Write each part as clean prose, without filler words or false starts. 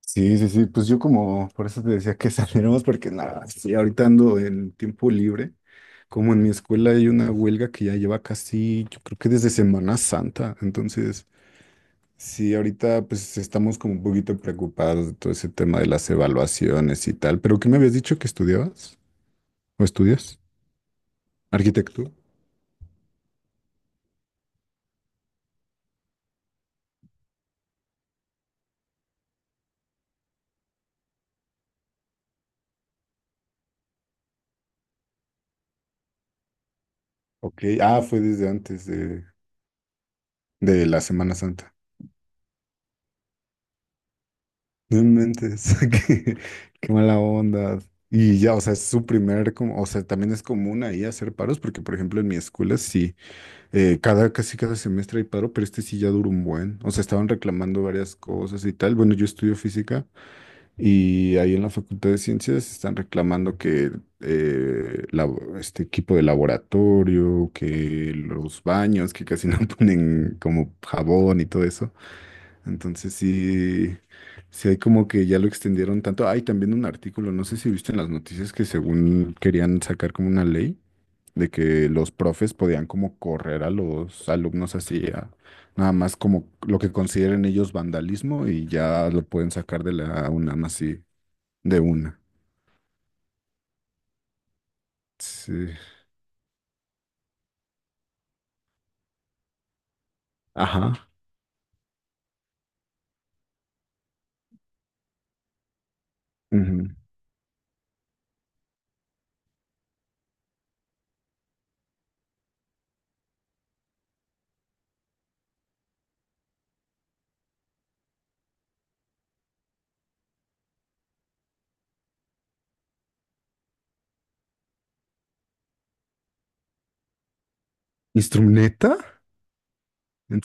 Sí, sí, sí, pues yo como, por eso te decía que saliéramos, porque nada, sí, ahorita ando en tiempo libre, como en mi escuela hay una huelga que ya lleva casi, yo creo que desde Semana Santa, entonces sí, ahorita pues estamos como un poquito preocupados de todo ese tema de las evaluaciones y tal, pero ¿qué me habías dicho que estudiabas o estudias? Arquitectura. Ok, ah, fue desde antes de la Semana Santa. No inventes, qué, qué mala onda. Y ya, o sea, es su primer, como, o sea, también es común ahí hacer paros, porque por ejemplo en mi escuela sí, cada, casi cada semestre hay paro, pero este sí ya duró un buen. O sea, estaban reclamando varias cosas y tal. Bueno, yo estudio física y ahí en la Facultad de Ciencias están reclamando que este equipo de laboratorio, que los baños, que casi no ponen como jabón y todo eso. Entonces sí, sí hay como que ya lo extendieron tanto. Hay también un artículo, no sé si viste en las noticias que según querían sacar como una ley de que los profes podían como correr a los alumnos así, nada más como lo que consideren ellos vandalismo y ya lo pueden sacar de la UNAM así, de una. Sí. Ajá. Ujú. ¿Instrumenta? En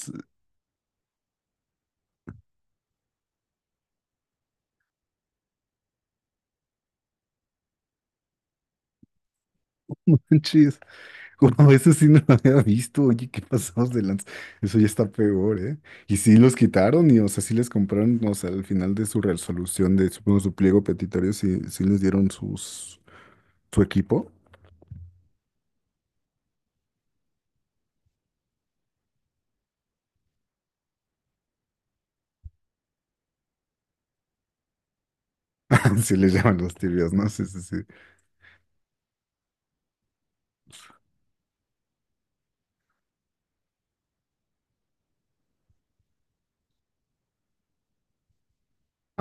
no manches. Wow, eso sí no lo había visto. Oye, qué pasados de lanza. Eso ya está peor, ¿eh? Y sí los quitaron y, o sea, sí les compraron, o sea, al final de su resolución de, supongo, su pliego petitorio, sí, sí les dieron sus, su equipo. Sí les llaman los tibios, ¿no? Sí, sí, sí.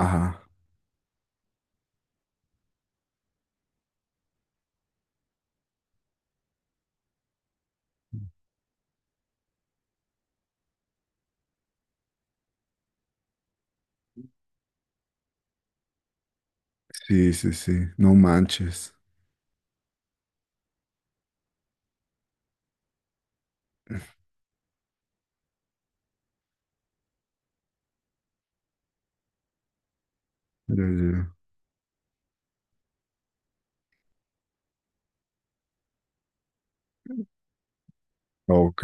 Ajá. Sí, sí, sí. No manches. Ya, ya. Ok.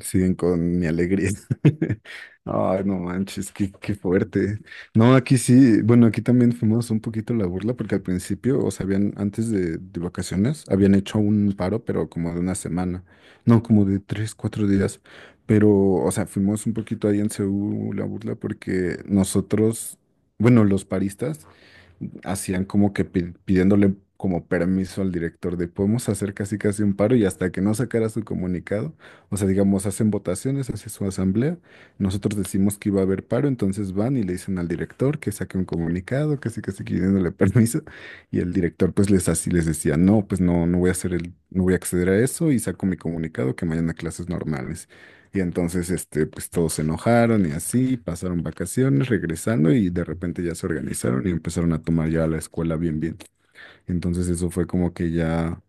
Siguen con mi alegría. Ay, no manches, qué, qué fuerte. No, aquí sí, bueno, aquí también fuimos un poquito la burla porque al principio, o sea, habían, antes de vacaciones, habían hecho un paro, pero como de una semana, no, como de tres, cuatro días. Pero, o sea, fuimos un poquito ahí en Seúl la burla porque nosotros, bueno, los paristas, hacían como que pidiéndole como permiso al director de podemos hacer casi casi un paro y hasta que no sacara su comunicado, o sea, digamos, hacen votaciones, hace su asamblea, nosotros decimos que iba a haber paro, entonces van y le dicen al director que saque un comunicado, casi casi pidiéndole permiso y el director pues les así les decía, "No, pues no voy a hacer el no voy a acceder a eso y saco mi comunicado que mañana clases normales." Y entonces, pues todos se enojaron y así, pasaron vacaciones, regresando y de repente ya se organizaron y empezaron a tomar ya la escuela bien, bien. Entonces eso fue como que ya,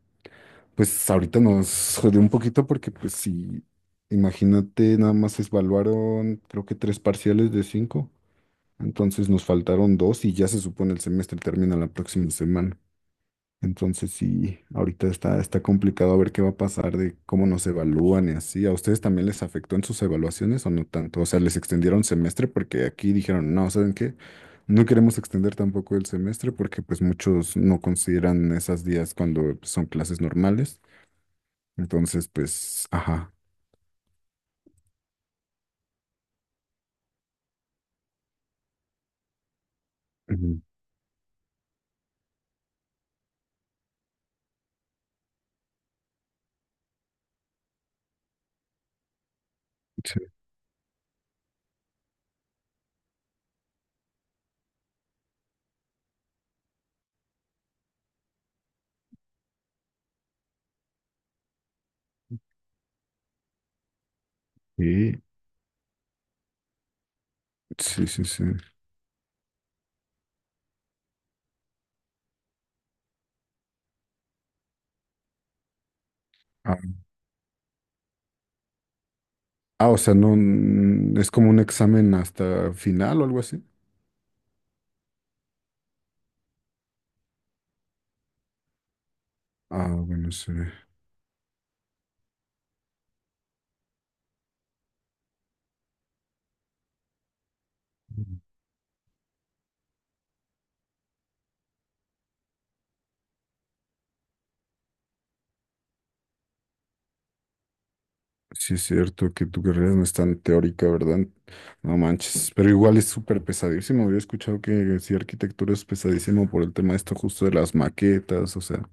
pues ahorita nos jodió un poquito porque pues sí, imagínate, nada más evaluaron creo que tres parciales de cinco, entonces nos faltaron dos y ya se supone el semestre termina la próxima semana. Entonces sí, ahorita está, está complicado a ver qué va a pasar de cómo nos evalúan y así. ¿A ustedes también les afectó en sus evaluaciones o no tanto? O sea, les extendieron semestre porque aquí dijeron, no, ¿saben qué? No queremos extender tampoco el semestre porque pues muchos no consideran esos días cuando pues, son clases normales. Entonces, pues, ajá. Ujú. Sí, sí, sí, sí. Ah, ah, o sea, no, es como un examen hasta final o algo así. Ah, bueno, sí. Sí, es cierto que tu carrera no es tan teórica, ¿verdad? No manches, pero igual es súper pesadísimo. Había escuchado que sí, arquitectura es pesadísimo por el tema de esto justo de las maquetas, o sea,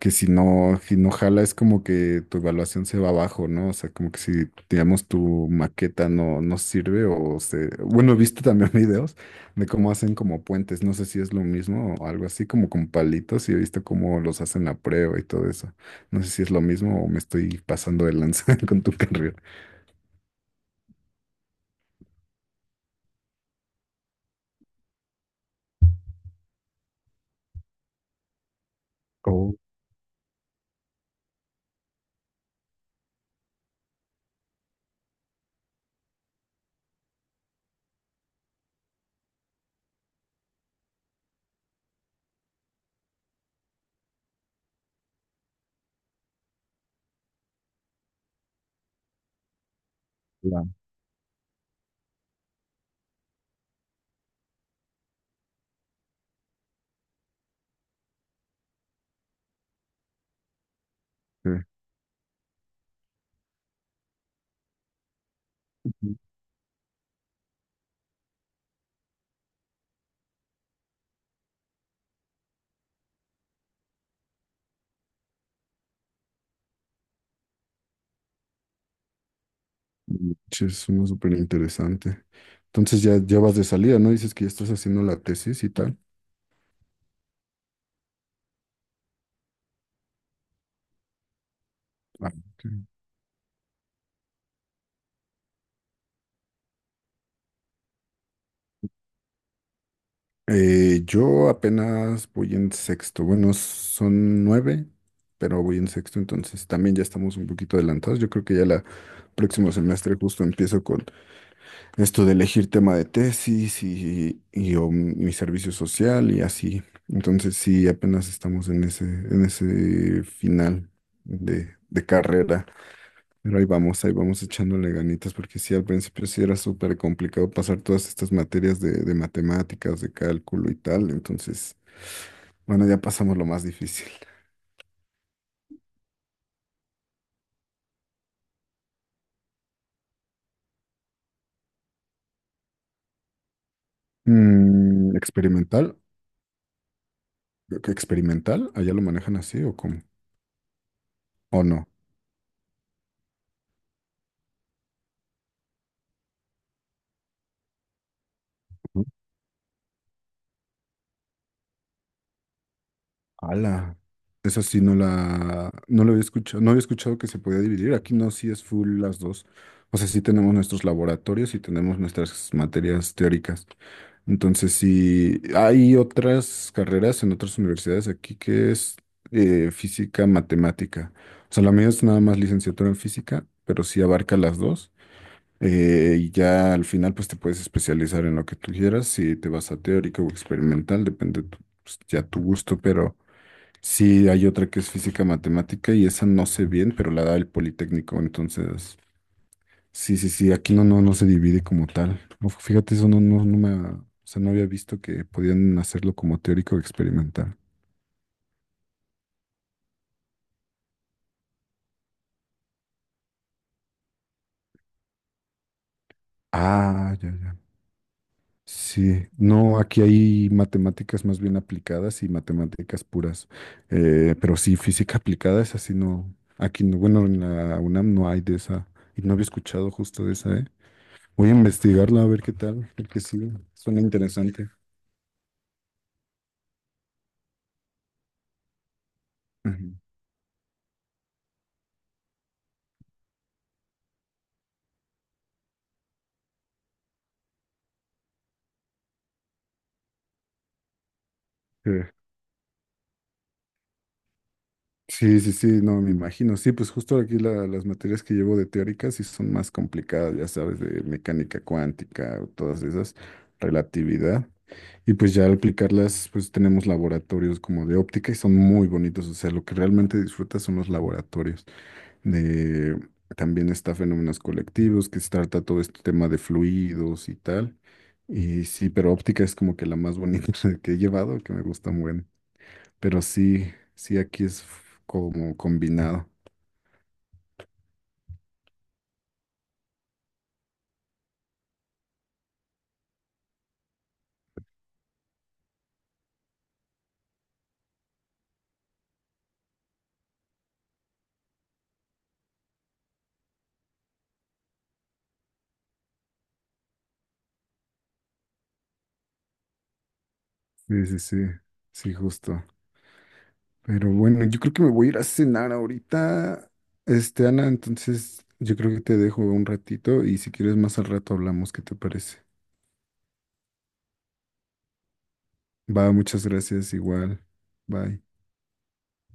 que si no, si no jala es como que tu evaluación se va abajo, ¿no? O sea, como que si, digamos, tu maqueta no, no sirve o se... Bueno, he visto también videos de cómo hacen como puentes, no sé si es lo mismo o algo así, como con palitos y he visto cómo los hacen a prueba y todo eso. No sé si es lo mismo o me estoy pasando de lanza con tu carrera. Oh, ya. Sí. Es uno súper interesante. Entonces ya, ya vas de salida, ¿no? Dices que ya estás haciendo la tesis y tal. Ah, ok. Yo apenas voy en sexto. Bueno, son nueve, pero voy en sexto, entonces también ya estamos un poquito adelantados. Yo creo que ya la próximo semestre justo empiezo con esto de elegir tema de tesis y o mi servicio social y así. Entonces sí, apenas estamos en ese final de carrera. Pero ahí vamos echándole ganitas, porque sí, al principio sí era súper complicado pasar todas estas materias de matemáticas, de cálculo y tal. Entonces, bueno, ya pasamos lo más difícil. Mm, experimental, creo que experimental, allá lo manejan así o cómo, o no. Ala, esa sí no la, no lo había escuchado, no había escuchado que se podía dividir. Aquí no, sí es full las dos. O sea, sí tenemos nuestros laboratorios y tenemos nuestras materias teóricas. Entonces, sí, hay otras carreras en otras universidades aquí que es física, matemática. O sea, la mía es nada más licenciatura en física, pero sí abarca las dos. Y ya al final, pues te puedes especializar en lo que tú quieras, si te vas a teórica o experimental, pues, ya tu gusto, pero... Sí, hay otra que es física matemática y esa no sé bien, pero la da el Politécnico, entonces, sí, sí, sí, aquí no, no, no se divide como tal. Uf, fíjate, eso no, no, o sea, no había visto que podían hacerlo como teórico o experimental. Ah, ya, ya. Sí, no, aquí hay matemáticas más bien aplicadas y matemáticas puras, pero sí, física aplicada es así, no, aquí no, bueno, en la UNAM no hay de esa, y no había escuchado justo de esa, ¿eh? Voy a investigarla a ver qué tal, porque sí, suena interesante. Ujú. Sí. Sí, sí, sí, no, me imagino. Sí, pues justo aquí las materias que llevo de teóricas sí son más complicadas, ya sabes, de mecánica cuántica, o todas esas, relatividad. Y pues ya al aplicarlas, pues tenemos laboratorios como de óptica y son muy bonitos. O sea, lo que realmente disfrutas son los laboratorios. De, también está fenómenos colectivos, que se trata todo este tema de fluidos y tal. Y sí, pero óptica es como que la más bonita que he llevado, que me gusta mucho. Pero sí, sí, aquí es como combinado. Sí, sí, sí, sí, justo. Pero bueno, yo creo que me voy a ir a cenar ahorita, Ana, entonces yo creo que te dejo un ratito y si quieres más al rato hablamos, ¿qué te parece? Va, muchas gracias, igual. Bye.